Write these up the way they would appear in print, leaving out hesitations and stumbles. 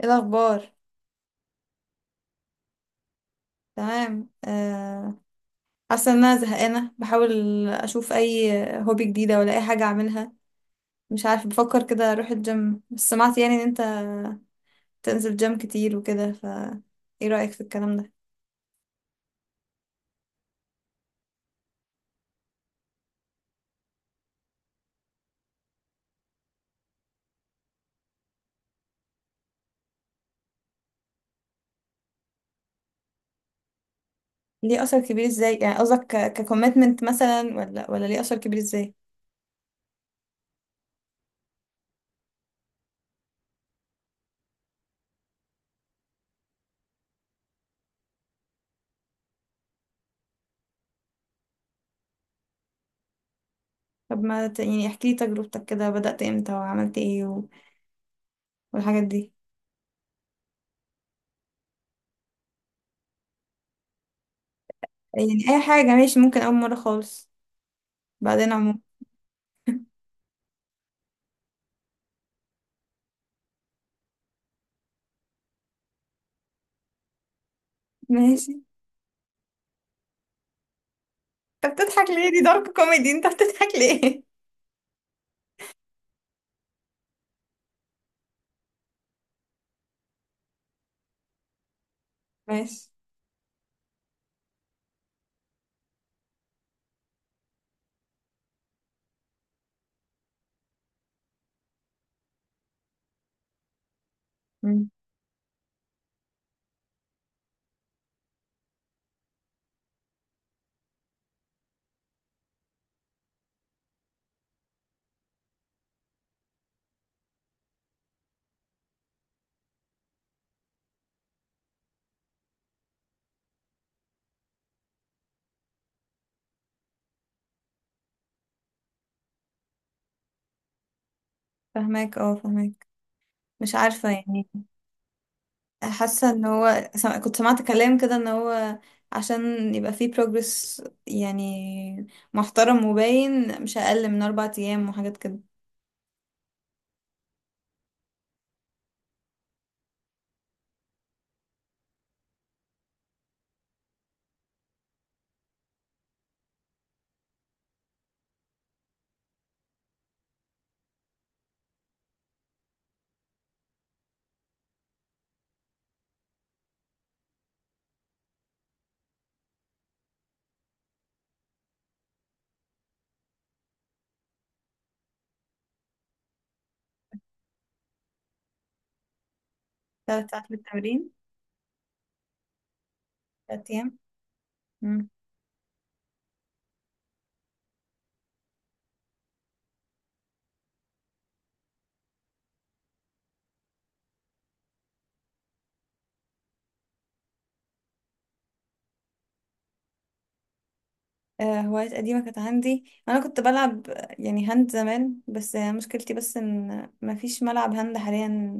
ايه الاخبار؟ تمام حاسه ان انا زهقانه، بحاول اشوف اي هوبي جديده ولا اي حاجه اعملها. مش عارفه، بفكر كده اروح الجيم، بس سمعت يعني ان انت تنزل جيم كتير وكده ف ايه رايك في الكلام ده؟ ليه اثر كبير ازاي؟ يعني قصدك ككوميتمنت مثلا ولا ليه اثر كبير ازاي؟ طب ما ت... يعني احكي لي تجربتك، كده بدأت امتى وعملت ايه والحاجات دي. يعني اي حاجه ماشي، ممكن اول مره خالص بعدين عموما. ماشي. انت بتضحك ليه؟ دي دارك كوميدي، انت بتضحك ليه؟ ماشي. مم. فهماك، اه، فهماك. مش عارفة يعني. حاسة ان هو كنت سمعت كلام كده، ان هو عشان يبقى فيه progress يعني محترم وباين، مش اقل من 4 ايام وحاجات كده. 3 ساعات للتمرين؟ 3 ايام. مم. آه، هوايات قديمة كانت عندي. انا كنت بلعب يعني هاند زمان، بس مشكلتي بس ان مفيش ملعب هاند حاليا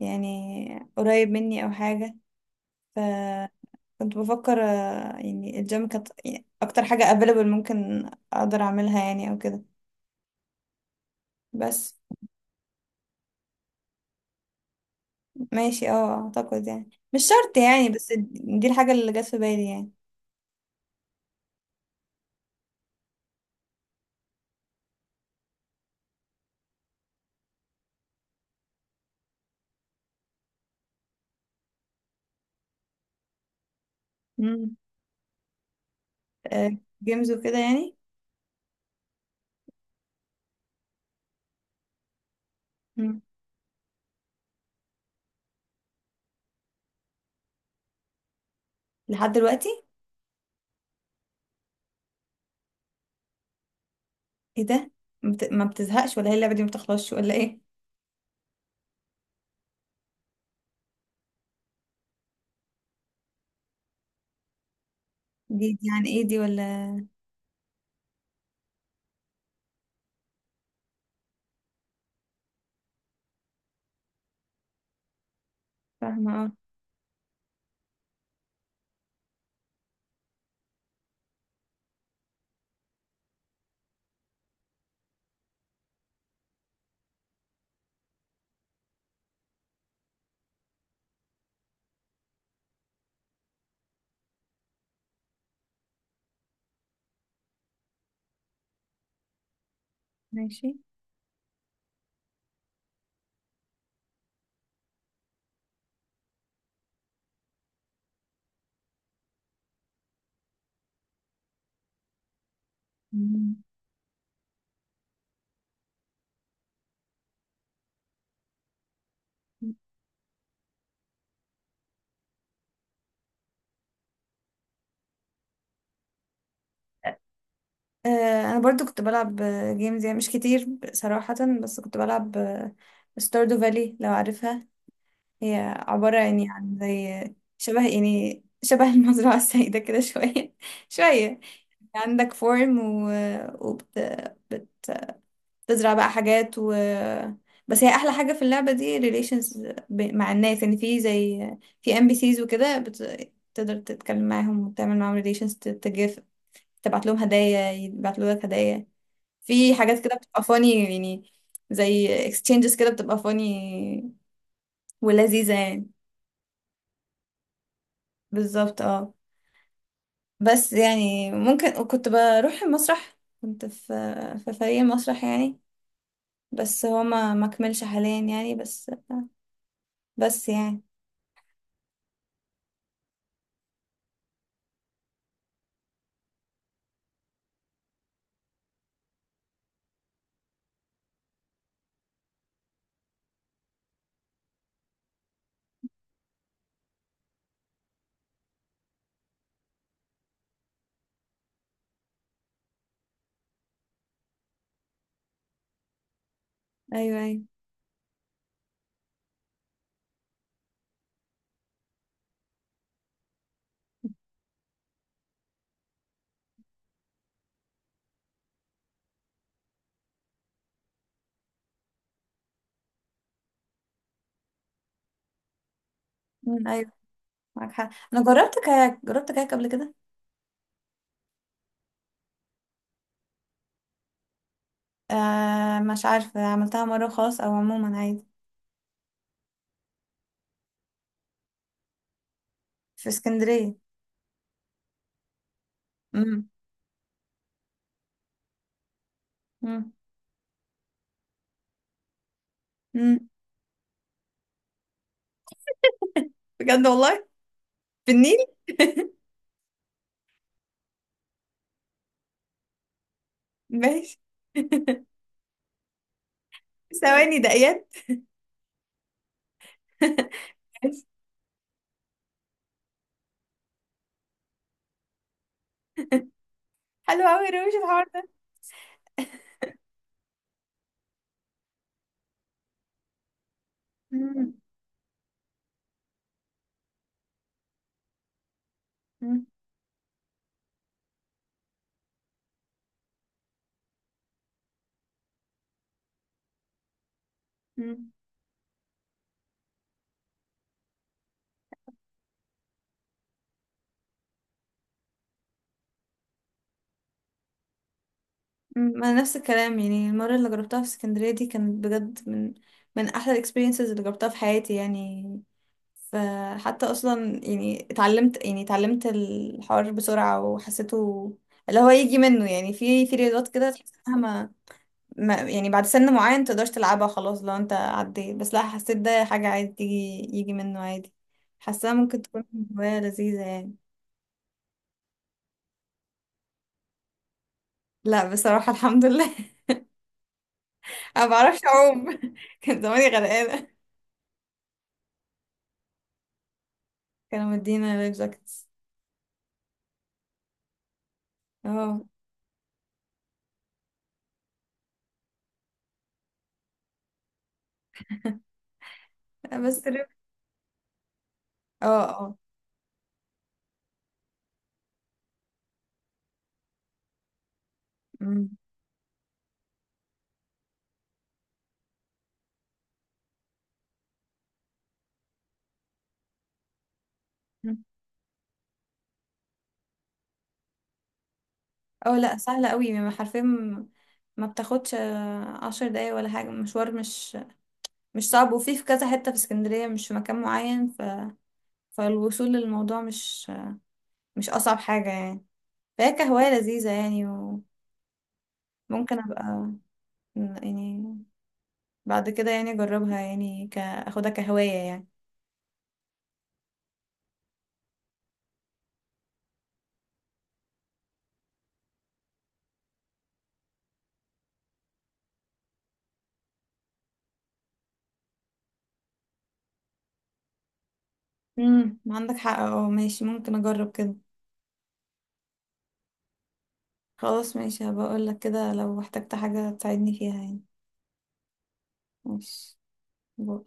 يعني قريب مني او حاجة. كنت بفكر يعني الجيم كانت يعني اكتر حاجة available ممكن اقدر اعملها يعني او كده. بس. ماشي، اه، اعتقد يعني مش شرط يعني، بس. دي الحاجة اللي جت في بالي يعني. مم. آه. جيمز وكده يعني. مم. لحد دلوقتي؟ ايه ده؟ ما بتزهقش ولا هي اللعبة دي ما بتخلصش ولا ايه؟ دي يعني ايه دي ولا؟ فاهمة، اه. ماشي. مم. آه، انا برضو كنت بلعب جيمز يعني، مش كتير صراحة. بس كنت بلعب ستاردو فالي، لو عارفها. هي عبارة يعني عن زي شبه المزرعة السعيدة كده شوية شوية. عندك فورم وبتزرع بقى حاجات بس هي أحلى حاجة في اللعبة دي relations، مع الناس يعني، في زي في ام بي سيز وكده تقدر تتكلم معاهم وتعمل معاهم relations، تجف، تبعت لهم هدايا، يبعتوا لك هدايا. في حاجات كده بتبقى funny يعني، زي exchanges كده بتبقى funny ولذيذة يعني. بالظبط، اه. بس يعني ممكن. وكنت بروح المسرح، كنت في فريق مسرح يعني، بس هو ما كملش حاليا يعني، بس. بس يعني. ايوه، ايوه. مم، ايوه. معاك حق. انا جربت كاياك قبل كده. آه، مش عارفه عملتها مره خاص او عموما، عادي. في اسكندريه. امم. امم. امم. بجد والله؟ في النيل؟ ماشي. ثواني، دقيقات؟ حلو قوي، روش الحوار ده. مم. مم. مم. مم، انا نفس الكلام يعني، المره اللي جربتها في اسكندريه دي كانت بجد من احلى الاكسبيرينسز اللي جربتها في حياتي يعني. فحتى اصلا يعني اتعلمت الحوار بسرعه وحسيته، اللي هو يجي منه يعني، في رياضات كده تحس انها ما يعني بعد سن معين متقدرش تلعبها خلاص لو انت عديت، بس لا حسيت ده حاجه عادي تيجي، يجي منه عادي، حاساها ممكن تكون هوايه لذيذه يعني. لا، بصراحه الحمد لله. انا ما بعرفش اعوم. كان زماني غرقانه. كانوا مدينا لايف جاكتس. اه، بس. اه، اه. أمم. اه، لا سهلة قوي، ما حرفيا، ما بتاخدش 10 دقايق ولا حاجة، مشوار مش مش صعب. وفي كذا حتة في اسكندرية، مش في مكان معين فالوصول للموضوع مش أصعب حاجة يعني. فهي كهواية لذيذة يعني، وممكن أبقى يعني بعد كده يعني أجربها يعني أخدها كهواية يعني. امم، عندك حق، اه، ماشي، ممكن أجرب كده. خلاص، ماشي، هبقى اقول لك كده لو احتجت حاجة تساعدني فيها يعني. ماشي. باي.